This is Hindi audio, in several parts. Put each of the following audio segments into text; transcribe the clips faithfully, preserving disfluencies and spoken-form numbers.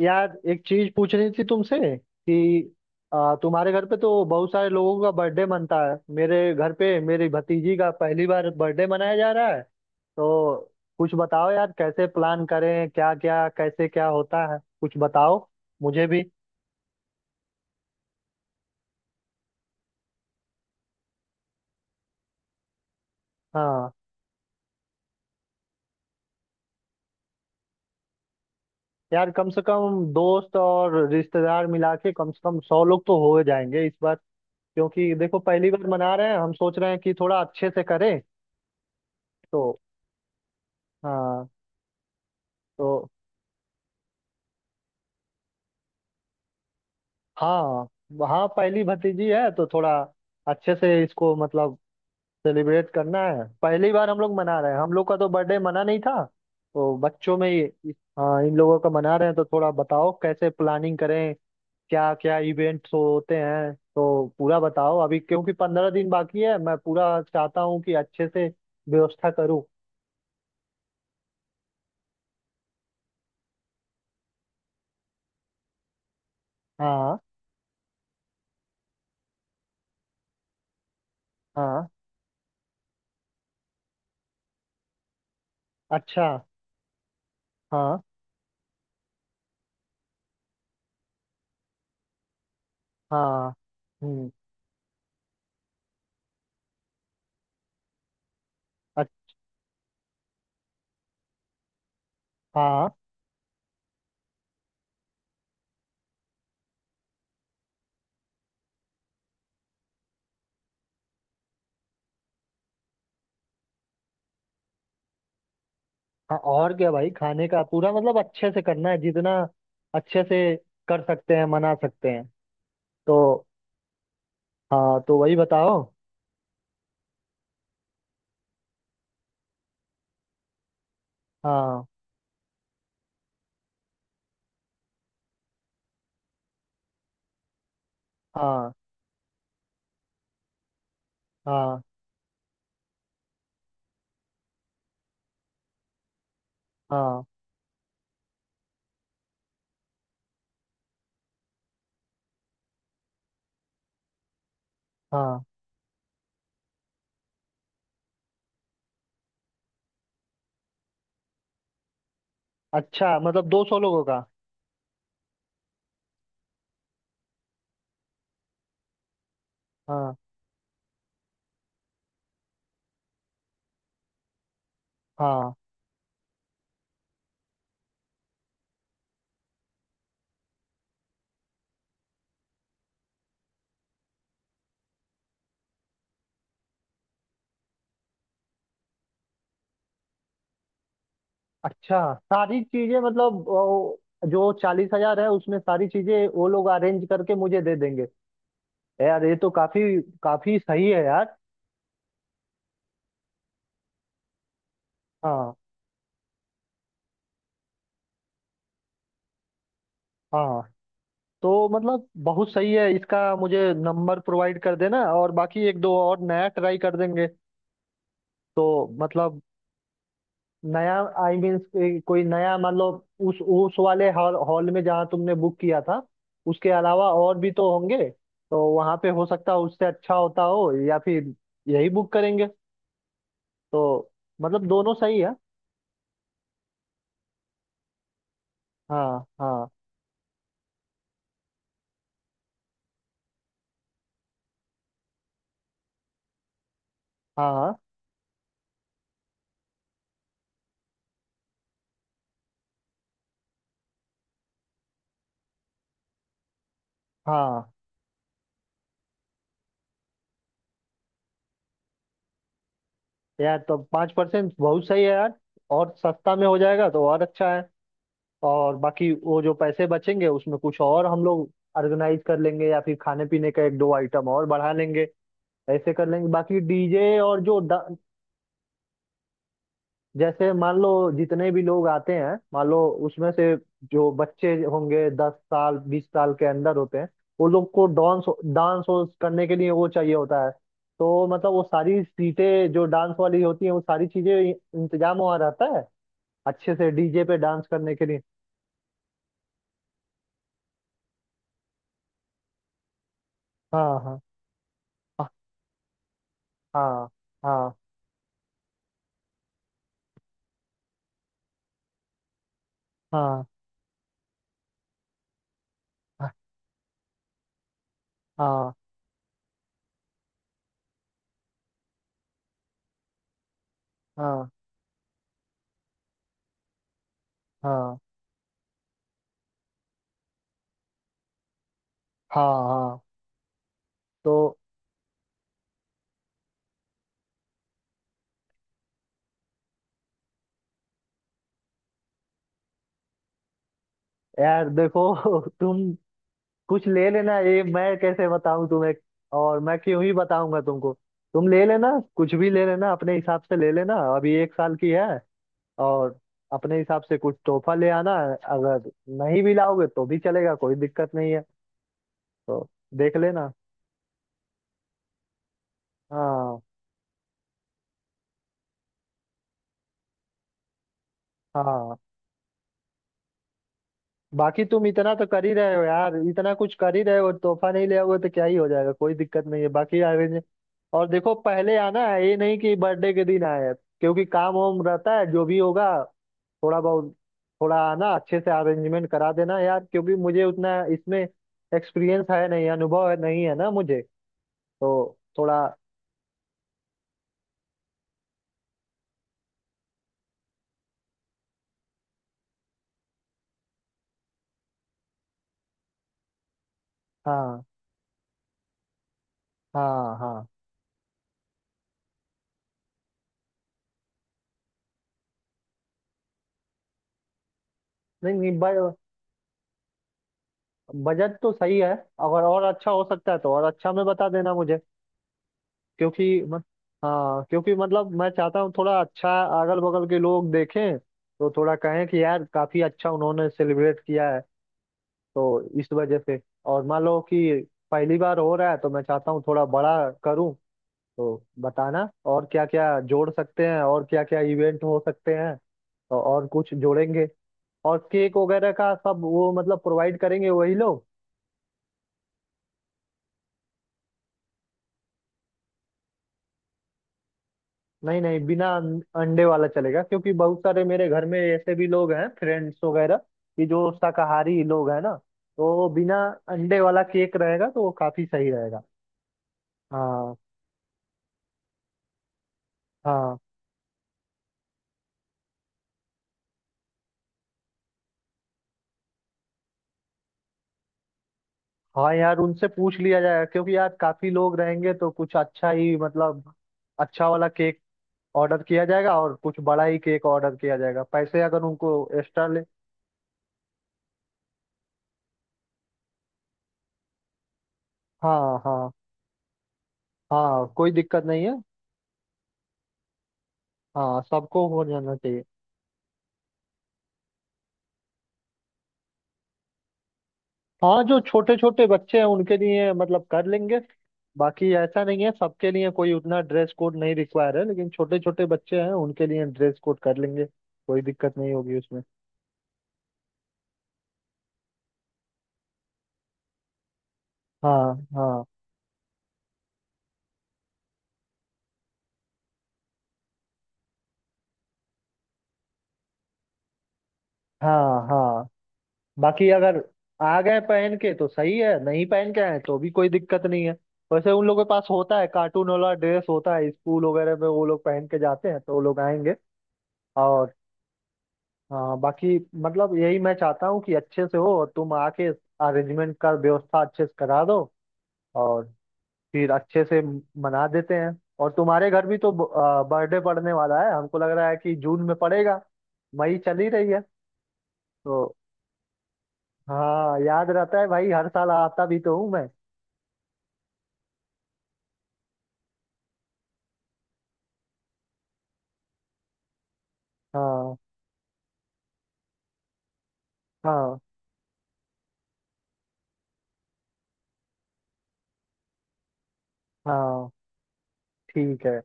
यार एक चीज पूछनी थी तुमसे कि आ, तुम्हारे घर पे तो बहुत सारे लोगों का बर्थडे मनता है। मेरे घर पे मेरी भतीजी का पहली बार बर्थडे मनाया जा रहा है, तो कुछ बताओ यार। कैसे प्लान करें, क्या क्या कैसे क्या होता है, कुछ बताओ मुझे भी। हाँ, यार कम से कम दोस्त और रिश्तेदार मिला के कम से कम सौ लोग तो हो जाएंगे इस बार। क्योंकि देखो पहली बार मना रहे हैं, हम सोच रहे हैं कि थोड़ा अच्छे से करें। तो हाँ। तो हाँ हाँ, पहली भतीजी है तो थोड़ा अच्छे से इसको मतलब सेलिब्रेट करना है। पहली बार हम लोग मना रहे हैं, हम लोग का तो बर्थडे मना नहीं था। तो बच्चों में ये- इस- हाँ इन लोगों का मना रहे हैं, तो थोड़ा बताओ कैसे प्लानिंग करें, क्या क्या इवेंट्स होते हैं। तो पूरा बताओ अभी, क्योंकि पंद्रह दिन बाकी है। मैं पूरा चाहता हूँ कि अच्छे से व्यवस्था करूँ। हाँ हाँ, अच्छा, हाँ हाँ। हम्म, अच्छा। हाँ, और क्या भाई, खाने का पूरा मतलब अच्छे से करना है, जितना अच्छे से कर सकते हैं मना सकते हैं। तो हाँ, तो वही बताओ। हाँ हाँ हाँ हाँ हाँ। अच्छा, मतलब दो सौ लोगों का? हाँ हाँ। अच्छा, सारी चीजें मतलब वो, जो चालीस हजार है उसमें सारी चीजें वो लोग अरेंज करके मुझे दे देंगे? यार ये तो काफी काफी सही है यार। हाँ हाँ। तो मतलब बहुत सही है, इसका मुझे नंबर प्रोवाइड कर देना, और बाकी एक दो और नया ट्राई कर देंगे। तो मतलब नया, आई मीन कोई नया, मतलब उस उस वाले हॉल हॉल में जहाँ तुमने बुक किया था उसके अलावा और भी तो होंगे। तो वहाँ पे हो सकता है उससे अच्छा होता हो, या फिर यही बुक करेंगे। तो मतलब दोनों सही है। हाँ हाँ हाँ हाँ हाँ, यार तो पाँच परसेंट बहुत सही है यार। और सस्ता में हो जाएगा तो और अच्छा है। और बाकी वो जो पैसे बचेंगे उसमें कुछ और हम लोग ऑर्गेनाइज कर लेंगे, या फिर खाने पीने का एक दो आइटम और बढ़ा लेंगे। ऐसे कर लेंगे, बाकी डीजे और जो ड- जैसे मान लो, जितने भी लोग आते हैं मान लो उसमें से जो बच्चे होंगे दस साल बीस साल के अंदर होते हैं, वो लोग को डांस डांस करने के लिए वो चाहिए होता है। तो मतलब वो सारी सीटें जो डांस वाली होती हैं वो सारी चीजें इंतजाम वहाँ रहता है, अच्छे से डीजे पे डांस करने के लिए। हाँ हाँ हाँ हाँ हाँ। हाँ हाँ हाँ हाँ हाँ हाँ। तो यार देखो तुम कुछ ले लेना, ये मैं कैसे बताऊं तुम्हें, और मैं क्यों ही बताऊंगा तुमको। तुम ले लेना, कुछ भी ले लेना अपने हिसाब से ले लेना, अभी एक साल की है। और अपने हिसाब से कुछ तोहफा ले आना। अगर नहीं भी लाओगे तो भी चलेगा, कोई दिक्कत नहीं है। तो देख लेना। हाँ हाँ, बाकी तुम इतना तो कर ही रहे हो यार, इतना कुछ कर ही रहे हो, तोहफा नहीं ले आओगे तो क्या ही हो जाएगा, कोई दिक्कत नहीं है। बाकी अरेंज, और देखो पहले आना है, ये नहीं कि बर्थडे के दिन आए। क्योंकि काम वाम रहता है, जो भी होगा थोड़ा बहुत। थोड़ा आना अच्छे से अरेंजमेंट करा देना यार, क्योंकि मुझे उतना इसमें एक्सपीरियंस है नहीं, अनुभव है नहीं, है ना मुझे। तो थोड़ा। हाँ हाँ हाँ। नहीं नहीं, बजट तो सही है, अगर और अच्छा हो सकता है तो और अच्छा में बता देना मुझे। क्योंकि मत, हाँ, क्योंकि मतलब मैं चाहता हूँ थोड़ा अच्छा। अगल बगल के लोग देखें तो थोड़ा कहें कि यार काफी अच्छा उन्होंने सेलिब्रेट किया है। तो इस वजह से, और मान लो कि पहली बार हो रहा है, तो मैं चाहता हूँ थोड़ा बड़ा करूँ। तो बताना और क्या क्या जोड़ सकते हैं और क्या क्या इवेंट हो सकते हैं। तो और कुछ जोड़ेंगे। और केक वगैरह का सब वो मतलब प्रोवाइड करेंगे वही लोग? नहीं नहीं, बिना अंडे वाला चलेगा, क्योंकि बहुत सारे मेरे घर में ऐसे भी लोग हैं, फ्रेंड्स वगैरह कि जो शाकाहारी लोग हैं ना। तो बिना अंडे वाला केक रहेगा तो वो काफी सही रहेगा। हाँ हाँ। हाँ यार, उनसे पूछ लिया जाएगा, क्योंकि यार काफी लोग रहेंगे तो कुछ अच्छा ही मतलब अच्छा वाला केक ऑर्डर किया जाएगा, और कुछ बड़ा ही केक ऑर्डर किया जाएगा, पैसे अगर उनको एक्स्ट्रा ले। हाँ हाँ। हाँ, कोई दिक्कत नहीं है। हाँ, सबको हो जाना चाहिए। हाँ, जो छोटे छोटे बच्चे हैं उनके लिए मतलब कर लेंगे। बाकी ऐसा नहीं है सबके लिए कोई उतना ड्रेस कोड नहीं रिक्वायर है, लेकिन छोटे छोटे बच्चे हैं उनके लिए ड्रेस कोड कर लेंगे, कोई दिक्कत नहीं होगी उसमें। हाँ हाँ। हाँ हाँ। बाकी अगर आ गए पहन के तो सही है, नहीं पहन के आए तो भी कोई दिक्कत नहीं है। वैसे उन लोगों के पास होता है, कार्टून वाला ड्रेस होता है, स्कूल वगैरह में वो लोग पहन के जाते हैं, तो वो लोग आएंगे। और हाँ, बाकी मतलब यही मैं चाहता हूँ कि अच्छे से हो, और तुम आके अरेंजमेंट का व्यवस्था अच्छे से करा दो। और फिर अच्छे से म- मना देते हैं। और तुम्हारे घर भी तो बर्थडे पड़ने वाला है, हमको लग रहा है कि जून में पड़ेगा, मई चल ही रही है। तो हाँ, याद रहता है भाई, हर साल आता भी तो हूँ मैं। हाँ हाँ हाँ। ठीक है।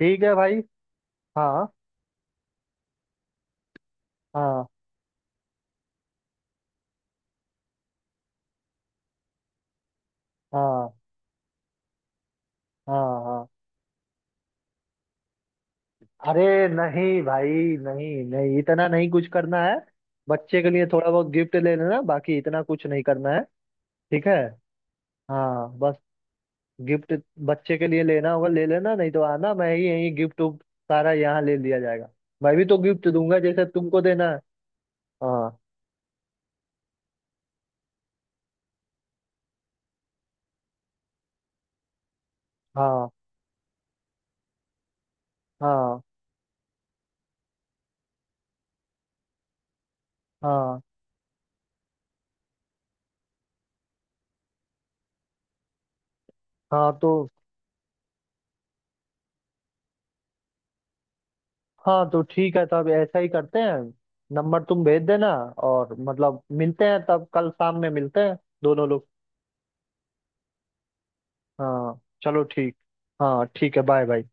ठीक है भाई। हाँ हाँ हाँ हाँ हाँ। अरे नहीं भाई, नहीं नहीं, इतना नहीं कुछ करना है। बच्चे के लिए थोड़ा बहुत गिफ्ट ले लेना, बाकी इतना कुछ नहीं करना है। ठीक है। हाँ, बस गिफ्ट बच्चे के लिए लेना होगा, ले लेना। नहीं तो आना, मैं ही यही गिफ्ट उफ्ट सारा यहाँ ले लिया जाएगा। मैं भी तो गिफ्ट दूंगा जैसे तुमको देना है। हाँ हाँ हाँ हाँ हाँ। तो हाँ, तो ठीक है, तब ऐसा ही करते हैं। नंबर तुम भेज देना। और मतलब मिलते हैं तब, कल शाम में मिलते हैं, दोनों लोग। हाँ चलो ठीक। हाँ ठीक है, बाय बाय।